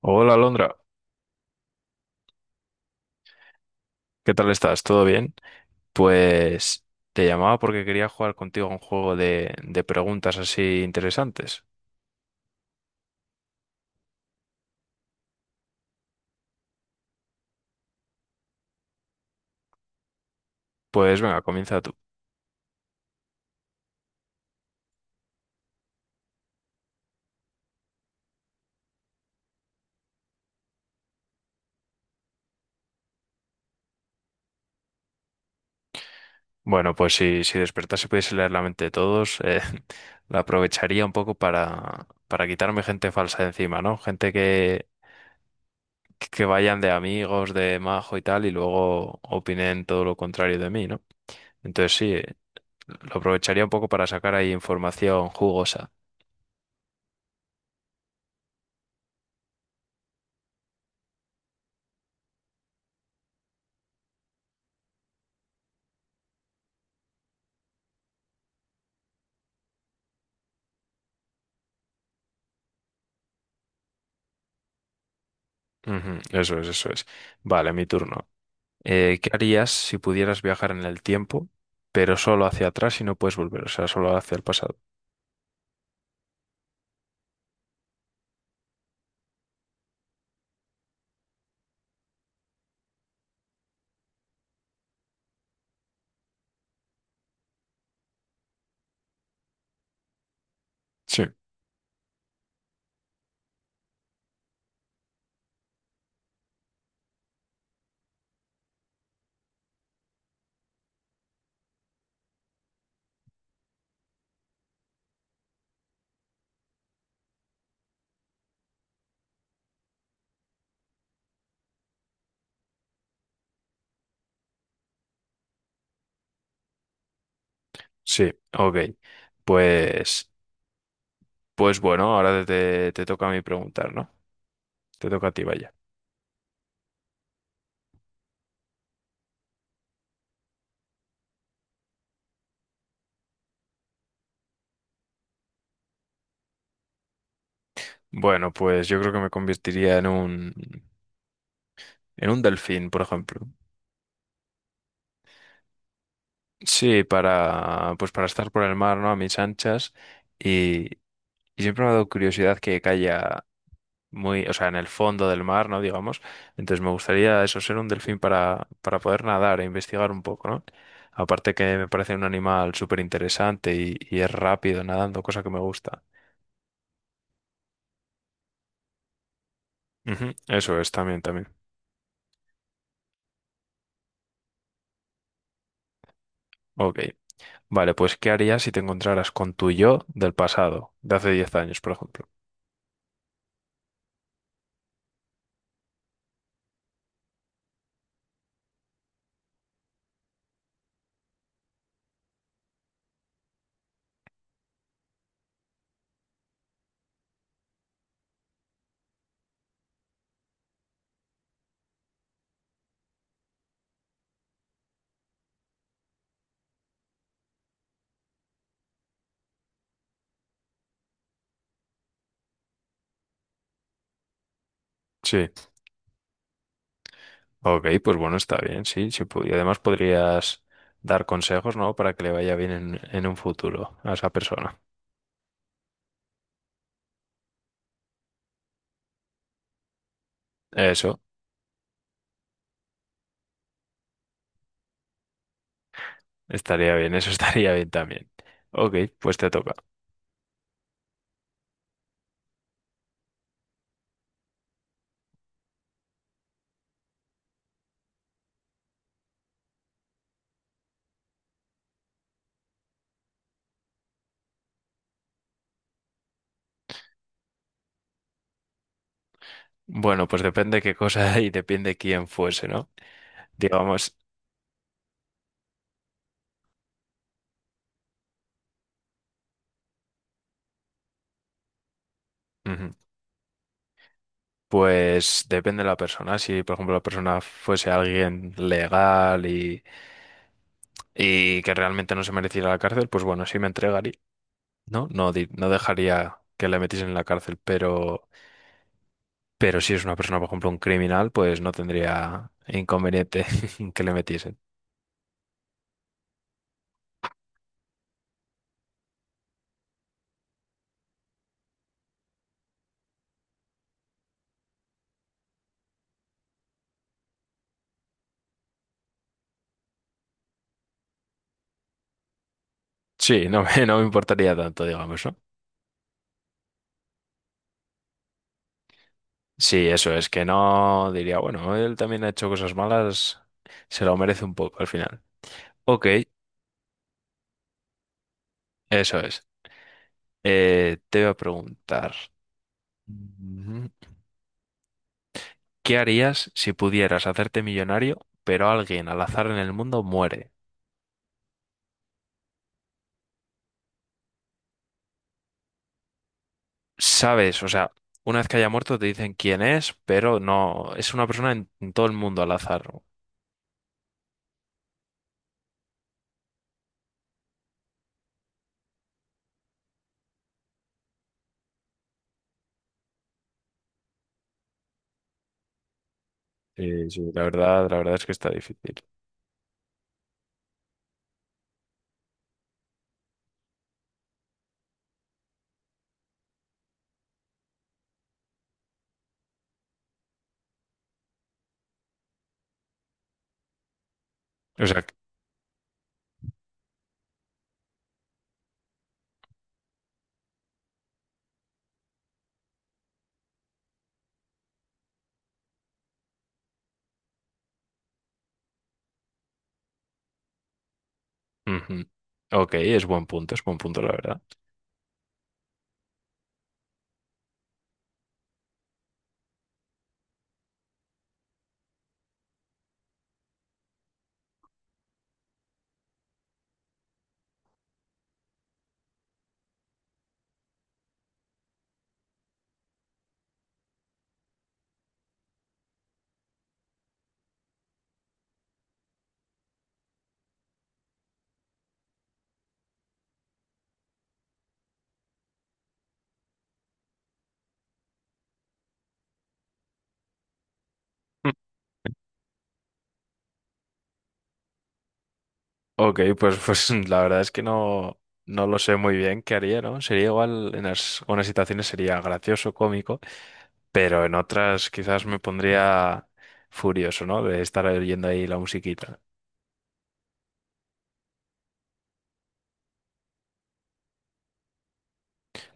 Hola, Alondra. ¿Qué tal estás? ¿Todo bien? Pues te llamaba porque quería jugar contigo a un juego de preguntas así interesantes. Pues venga, comienza tú. Bueno, pues si despertase y pudiese leer la mente de todos, la aprovecharía un poco para quitarme gente falsa de encima, ¿no? Gente que vayan de amigos, de majo y tal, y luego opinen todo lo contrario de mí, ¿no? Entonces sí, lo aprovecharía un poco para sacar ahí información jugosa. Ujú, eso es, eso es. Vale, mi turno. ¿qué harías si pudieras viajar en el tiempo, pero solo hacia atrás y no puedes volver, o sea, ¿solo hacia el pasado? Sí. Sí, ok. Pues, pues bueno, ahora te toca a mí preguntar, ¿no? Te toca a ti, vaya. Bueno, pues yo creo que me convertiría en en un delfín, por ejemplo. Sí, pues para estar por el mar, ¿no? A mis anchas. Y, y siempre me ha dado curiosidad que haya muy, o sea, en el fondo del mar, ¿no? Digamos. Entonces me gustaría eso, ser un delfín para poder nadar e investigar un poco, ¿no? Aparte que me parece un animal súper interesante y es rápido nadando, cosa que me gusta. Ujú, eso es, también, también. Ok. Vale, pues ¿qué harías si te encontraras con tu yo del pasado, de hace 10 años, por ejemplo? Sí. Ok, pues bueno, está bien, sí. Sí y además podrías dar consejos, ¿no? Para que le vaya bien en un futuro a esa persona. Eso. Estaría bien, eso estaría bien también. Ok, pues te toca. Bueno, pues depende qué cosa y depende quién fuese, ¿no? Digamos, ujú, pues depende de la persona. Si, por ejemplo, la persona fuese alguien legal y que realmente no se mereciera la cárcel, pues bueno, sí me entregaría, ¿no? No, no dejaría que le metiesen en la cárcel, pero si es una persona, por ejemplo, un criminal, pues no tendría inconveniente que le metiesen. Sí, no me importaría tanto, digamos, ¿no? Sí, eso es que no diría, bueno, él también ha hecho cosas malas, se lo merece un poco al final. Ok, eso es. Te voy a preguntar, mm, ¿qué harías si pudieras hacerte millonario, pero alguien al azar en el mundo muere? Sabes, o sea, una vez que haya muerto te dicen quién es, pero no, es una persona en todo el mundo al azar. Sí, sí, la verdad es que está difícil. O sea, ujú. Ok, es buen punto, la verdad. Ok, pues, pues la verdad es que no, no lo sé muy bien qué haría, ¿no? Sería igual, en algunas situaciones sería gracioso, cómico, pero en otras quizás me pondría furioso, ¿no? De estar oyendo ahí la musiquita.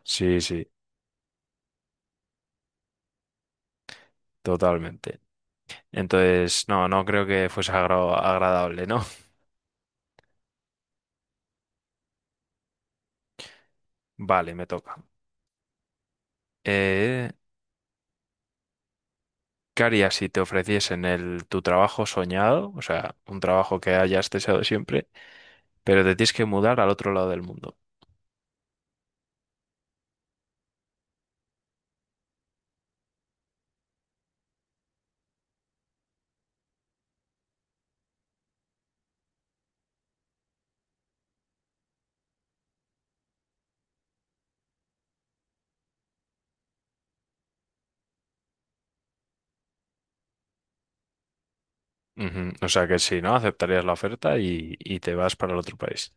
Sí, sí, totalmente. Entonces, no, no creo que fuese agradable, ¿no? Vale, me toca. Eh, ¿qué harías si te ofreciesen tu trabajo soñado? O sea, un trabajo que hayas deseado siempre, pero te tienes que mudar al otro lado del mundo. Ujú, o sea que sí, ¿no? Aceptarías la oferta y te vas para el otro país.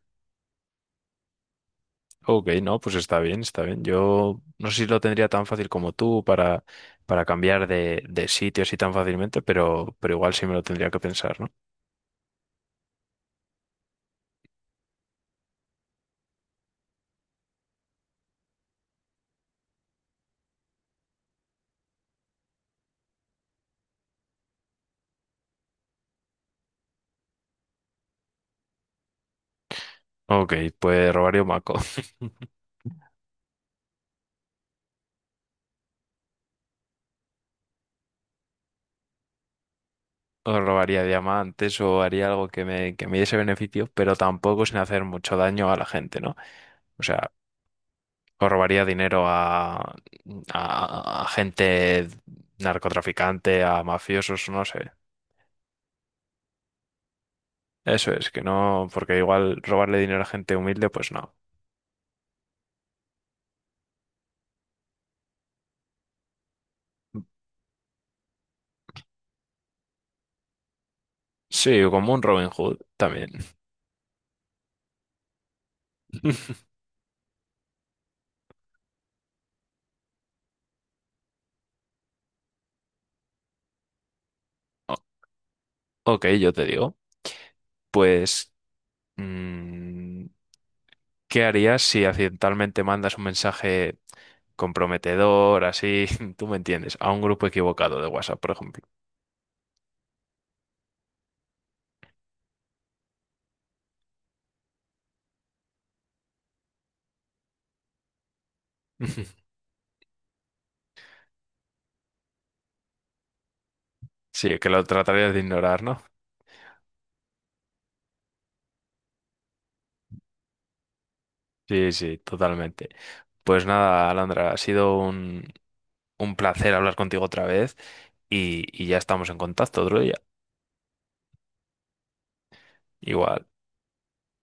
Ok, no, pues está bien, está bien. Yo no sé si lo tendría tan fácil como tú para cambiar de sitio así tan fácilmente, pero igual sí me lo tendría que pensar, ¿no? Ok, pues robaría un banco, o robaría diamantes, o haría algo que me diese beneficio, pero tampoco sin hacer mucho daño a la gente, ¿no? O sea, o robaría dinero a gente narcotraficante, a mafiosos, no sé. Eso es, que no, porque igual robarle dinero a gente humilde, pues no. Sí, como un Robin Hood también. O- Ok, yo te digo. Pues, mm, ¿qué harías si accidentalmente mandas un mensaje comprometedor, así, tú me entiendes, a un grupo equivocado de WhatsApp, por ejemplo? Sí, que lo tratarías de ignorar, ¿no? Sí, sí, totalmente. Pues nada, Alandra, ha sido un placer hablar contigo otra vez y ya estamos en contacto otro día. Igual.